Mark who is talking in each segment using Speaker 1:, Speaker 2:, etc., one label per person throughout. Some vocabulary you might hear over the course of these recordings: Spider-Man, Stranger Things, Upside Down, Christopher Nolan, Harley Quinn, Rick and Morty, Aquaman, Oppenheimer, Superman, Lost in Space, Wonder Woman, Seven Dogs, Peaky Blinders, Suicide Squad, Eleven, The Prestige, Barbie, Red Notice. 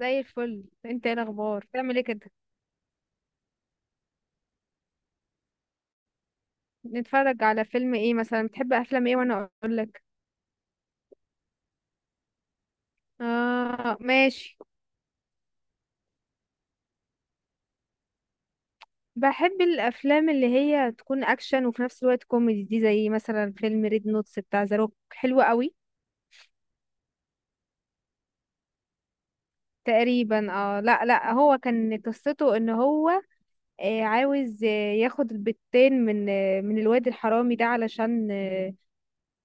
Speaker 1: زي الفل. انت ايه الاخبار؟ بتعمل ايه كده؟ نتفرج على فيلم ايه مثلا؟ بتحب افلام ايه وانا اقول لك؟ اه، ماشي. بحب الافلام اللي هي تكون اكشن وفي نفس الوقت كوميدي، دي زي مثلا فيلم ريد نوتس بتاع ذا روك. حلو قوي. تقريبا، اه. لا، لا، هو كان قصته ان هو عاوز ياخد البتين من الواد الحرامي ده، علشان آه،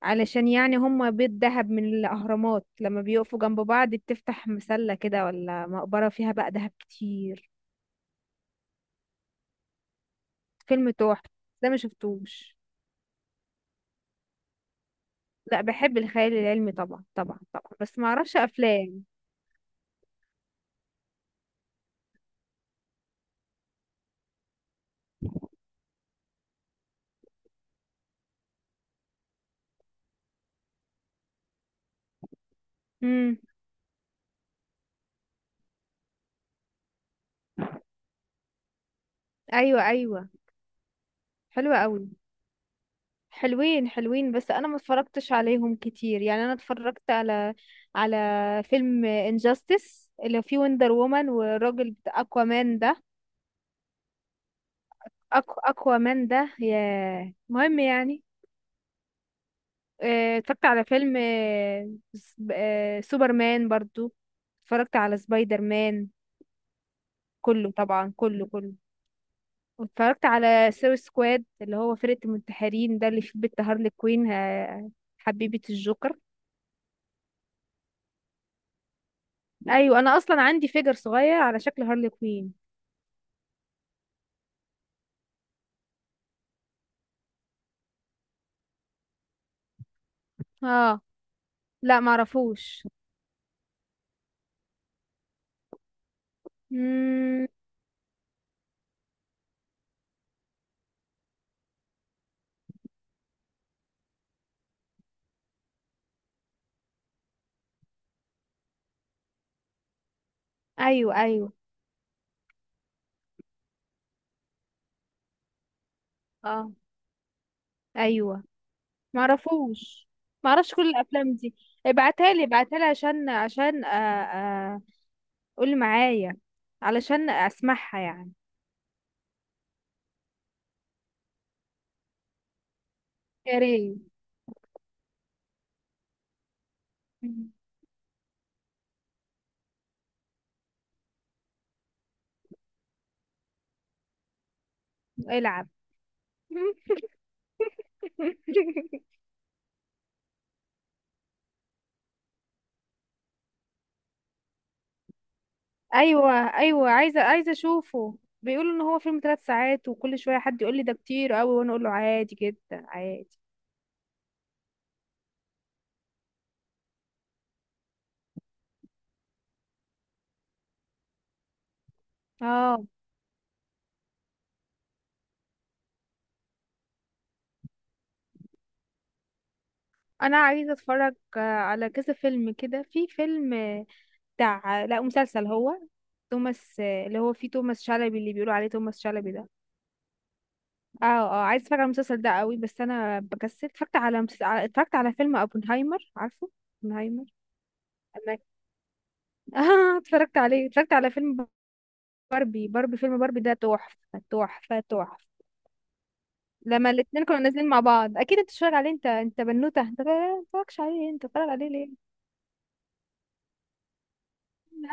Speaker 1: علشان يعني هم بيت دهب من الأهرامات، لما بيقفوا جنب بعض بتفتح مسلة كده ولا مقبرة فيها بقى دهب كتير. فيلم تحفة. ده ما شفتوش. لا، بحب الخيال العلمي طبعا طبعا طبعا، بس ما اعرفش افلام. امم. ايوه، ايوه. حلوة قوي. حلوين حلوين، بس انا ما اتفرجتش عليهم كتير، يعني انا اتفرجت على على فيلم انجاستس اللي فيه وندر وومن والراجل بتاع اكوامان ده. اكوامان ده ياه، مهم يعني. اتفرجت على فيلم سوبرمان برضو. اتفرجت على سبايدر مان. كله طبعا، كله كله. واتفرجت على سوي سكواد اللي هو فرقة المنتحرين، ده اللي فيه بنت هارلي كوين حبيبة الجوكر. ايوه، انا اصلا عندي فيجر صغير على شكل هارلي كوين. اه، لا معرفوش. مم، ايوه، ايوه، اه، ايوه، معرفوش. معرفش كل الافلام دي. ابعتها لي، ابعتها لي، عشان قول معايا، علشان اسمعها يعني. يا ريت. العب. ايوه، ايوه، عايزه عايزه اشوفه. بيقولوا ان هو فيلم 3 ساعات، وكل شويه حد يقول لي ده كتير قوي وانا اقول له عادي جدا. عادي. اه. انا عايزه اتفرج على كذا فيلم كده. في فيلم بتاع، لا مسلسل هو، توماس اللي هو فيه توماس شلبي، اللي بيقولوا عليه توماس شلبي ده. اه، اه، عايز اتفرج على المسلسل ده قوي، بس انا بكسل. اتفرجت على اتفرجت على فيلم اوبنهايمر، عارفه؟ اوبنهايمر. أنا- اه، اتفرجت عليه، اتفرجت على فيلم باربي. باربي، فيلم باربي ده تحفة تحفة تحفة. لما الاتنين كانوا نازلين مع بعض، اكيد انت اتفرج عليه. انت بنوتة، انت ما اتفرجش عليه؟ انت اتفرج عليه ليه؟ انا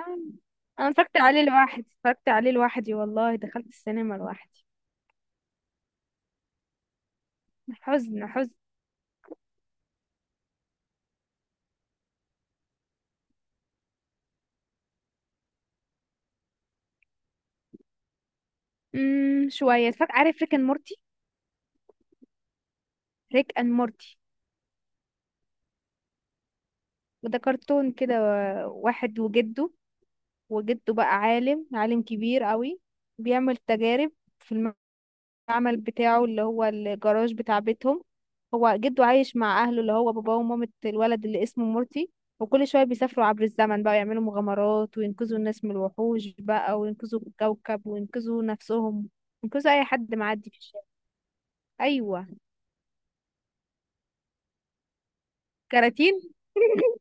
Speaker 1: أنا اتفرجت عليه لوحدي، اتفرجت عليه لوحدي، والله دخلت السينما لوحدي. حزن حزن. شوية اتفرجت. عارف ريك اند مورتي؟ ريك اند مورتي. وده كرتون كده، واحد وجده. وجده بقى عالم، عالم كبير قوي. بيعمل تجارب في المعمل بتاعه اللي هو الجراج بتاع بيتهم. هو جده عايش مع اهله، اللي هو باباه ومامة الولد اللي اسمه مورتي. وكل شوية بيسافروا عبر الزمن بقى، يعملوا مغامرات وينقذوا الناس من الوحوش بقى، وينقذوا الكوكب وينقذوا نفسهم، ينقذوا اي حد معدي في الشارع. ايوه. كراتين.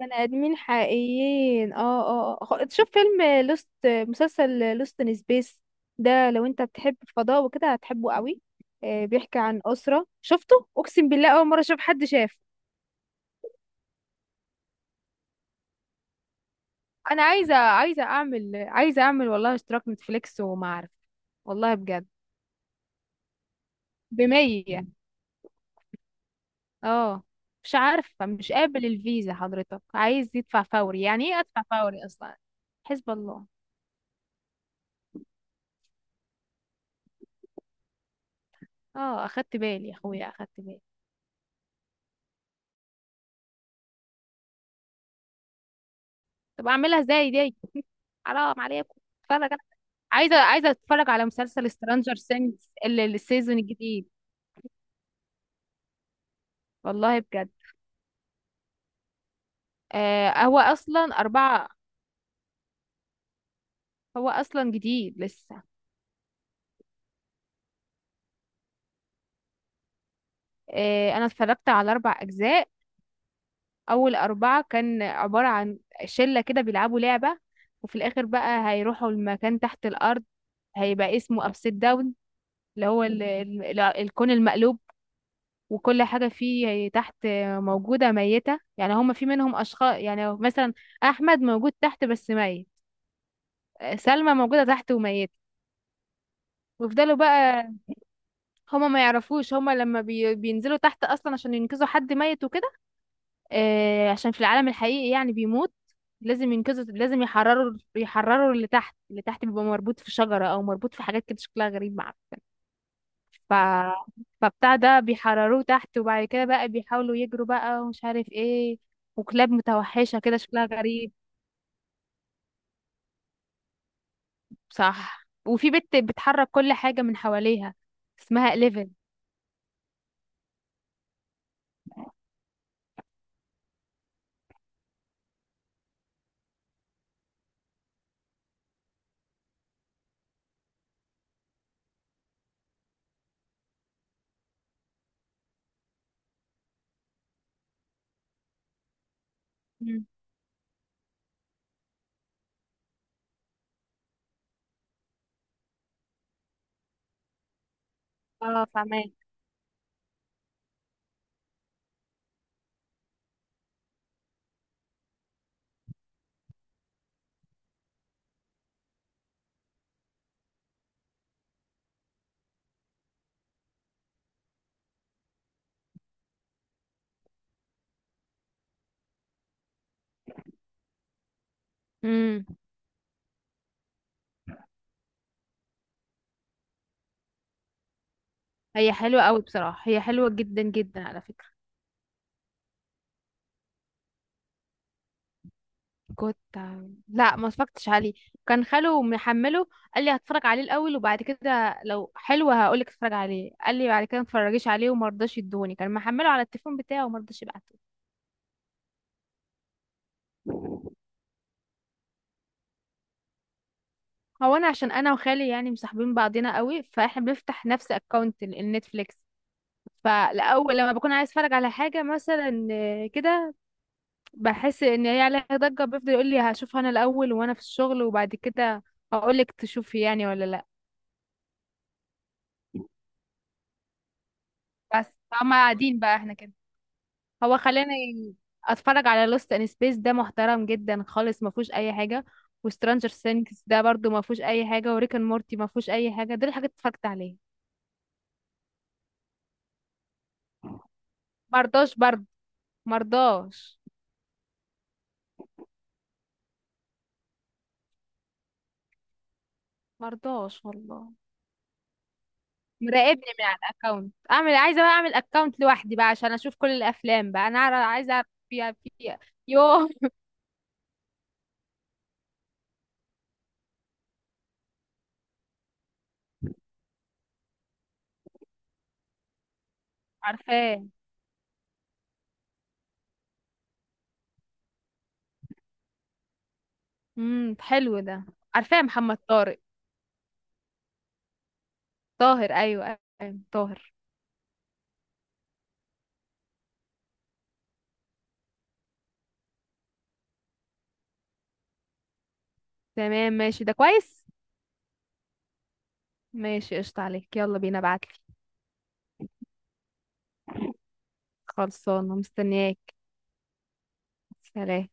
Speaker 1: بني ادمين حقيقيين، اه. اه، آه. تشوف فيلم مسلسل لوست ان سبيس ده، لو انت بتحب الفضاء وكده هتحبه قوي. بيحكي عن اسره. شفته؟ اقسم بالله اول مره اشوف حد شاف. انا عايزه، عايزه اعمل، عايزه اعمل والله اشتراك نتفليكس، وما اعرف. والله بجد. بـ100. اه. مش عارفه، مش قابل الفيزا. حضرتك عايز يدفع فوري، يعني ايه ادفع فوري اصلا؟ حسب الله. اه، اخدت بالي يا اخويا، اخدت بالي. طب اعملها ازاي دي؟ حرام عليكم. اتفرج. عايزه، عايزه اتفرج على مسلسل سترانجر سينجز السيزون الجديد. والله بجد. هو اصلا 4. هو اصلا جديد لسه. انا اتفرجت على 4 اجزاء. اول 4 كان عباره عن شله كده بيلعبوا لعبه، وفي الاخر بقى هيروحوا المكان تحت الارض، هيبقى اسمه ابسيد داون، اللي هو الكون المقلوب. وكل حاجة فيه تحت موجودة ميتة، يعني هما في منهم أشخاص يعني مثلا أحمد موجود تحت بس ميت، سلمى موجودة تحت وميتة. ويفضلوا بقى، هما ما يعرفوش. هما لما بينزلوا تحت أصلا عشان ينقذوا حد ميت وكده. عشان في العالم الحقيقي يعني بيموت، لازم ينقذوا، لازم يحرروا، يحرروا اللي تحت. اللي تحت بيبقى مربوط في شجرة أو مربوط في حاجات كده شكلها غريب، معرفش. ف... فبتاع ده بيحرروه تحت، وبعد كده بقى بيحاولوا يجروا بقى، ومش عارف ايه، وكلاب متوحشة كده شكلها غريب. صح. وفي بنت بتحرك كل حاجة من حواليها، اسمها إليفن. مم. اه، فاهمة. امم. هي حلوة قوي بصراحة، هي حلوة جدا جدا على فكرة. كنت لا، ما اتفرجتش عليه. كان خاله محمله، قال لي هتفرج عليه الاول وبعد كده لو حلو هقول لك اتفرج عليه. قال لي بعد كده ما تتفرجيش عليه، وما رضاش يدوني. كان محمله على التليفون بتاعه وما رضاش يبعته. هو انا عشان انا وخالي يعني مصاحبين بعضنا قوي، فاحنا بنفتح نفس اكونت النتفليكس. فالاول لما بكون عايز اتفرج على حاجه مثلا كده، بحس ان هي عليها ضجه، بيفضل يقول لي هشوفها انا الاول وانا في الشغل، وبعد كده هقول لك تشوفي يعني ولا لا. بس فهم قاعدين بقى احنا كده. هو خلاني اتفرج على لوست ان سبيس، ده محترم جدا خالص، ما فيهوش اي حاجه. وسترانجر سينكس ده برضو ما فيهوش اي حاجه، وريكن مورتي ما فيهوش اي حاجه. دول الحاجات اللي اتفرجت عليها. مرضاش برضو، مرضاش، مرضاش والله، مراقبني من على الاكونت. اعمل، عايزه بقى اعمل اكونت لوحدي بقى عشان اشوف كل الافلام بقى. انا عايزه اعرف فيها، فيها. يوه. عارفاه. حلو ده. عارفاه، محمد طارق. طاهر، ايوه، ايوه، طاهر. تمام، ماشي، ده كويس. ماشي، قشطة عليك، يلا بينا، ابعتلي. خلصانه، مستنياك. سلام.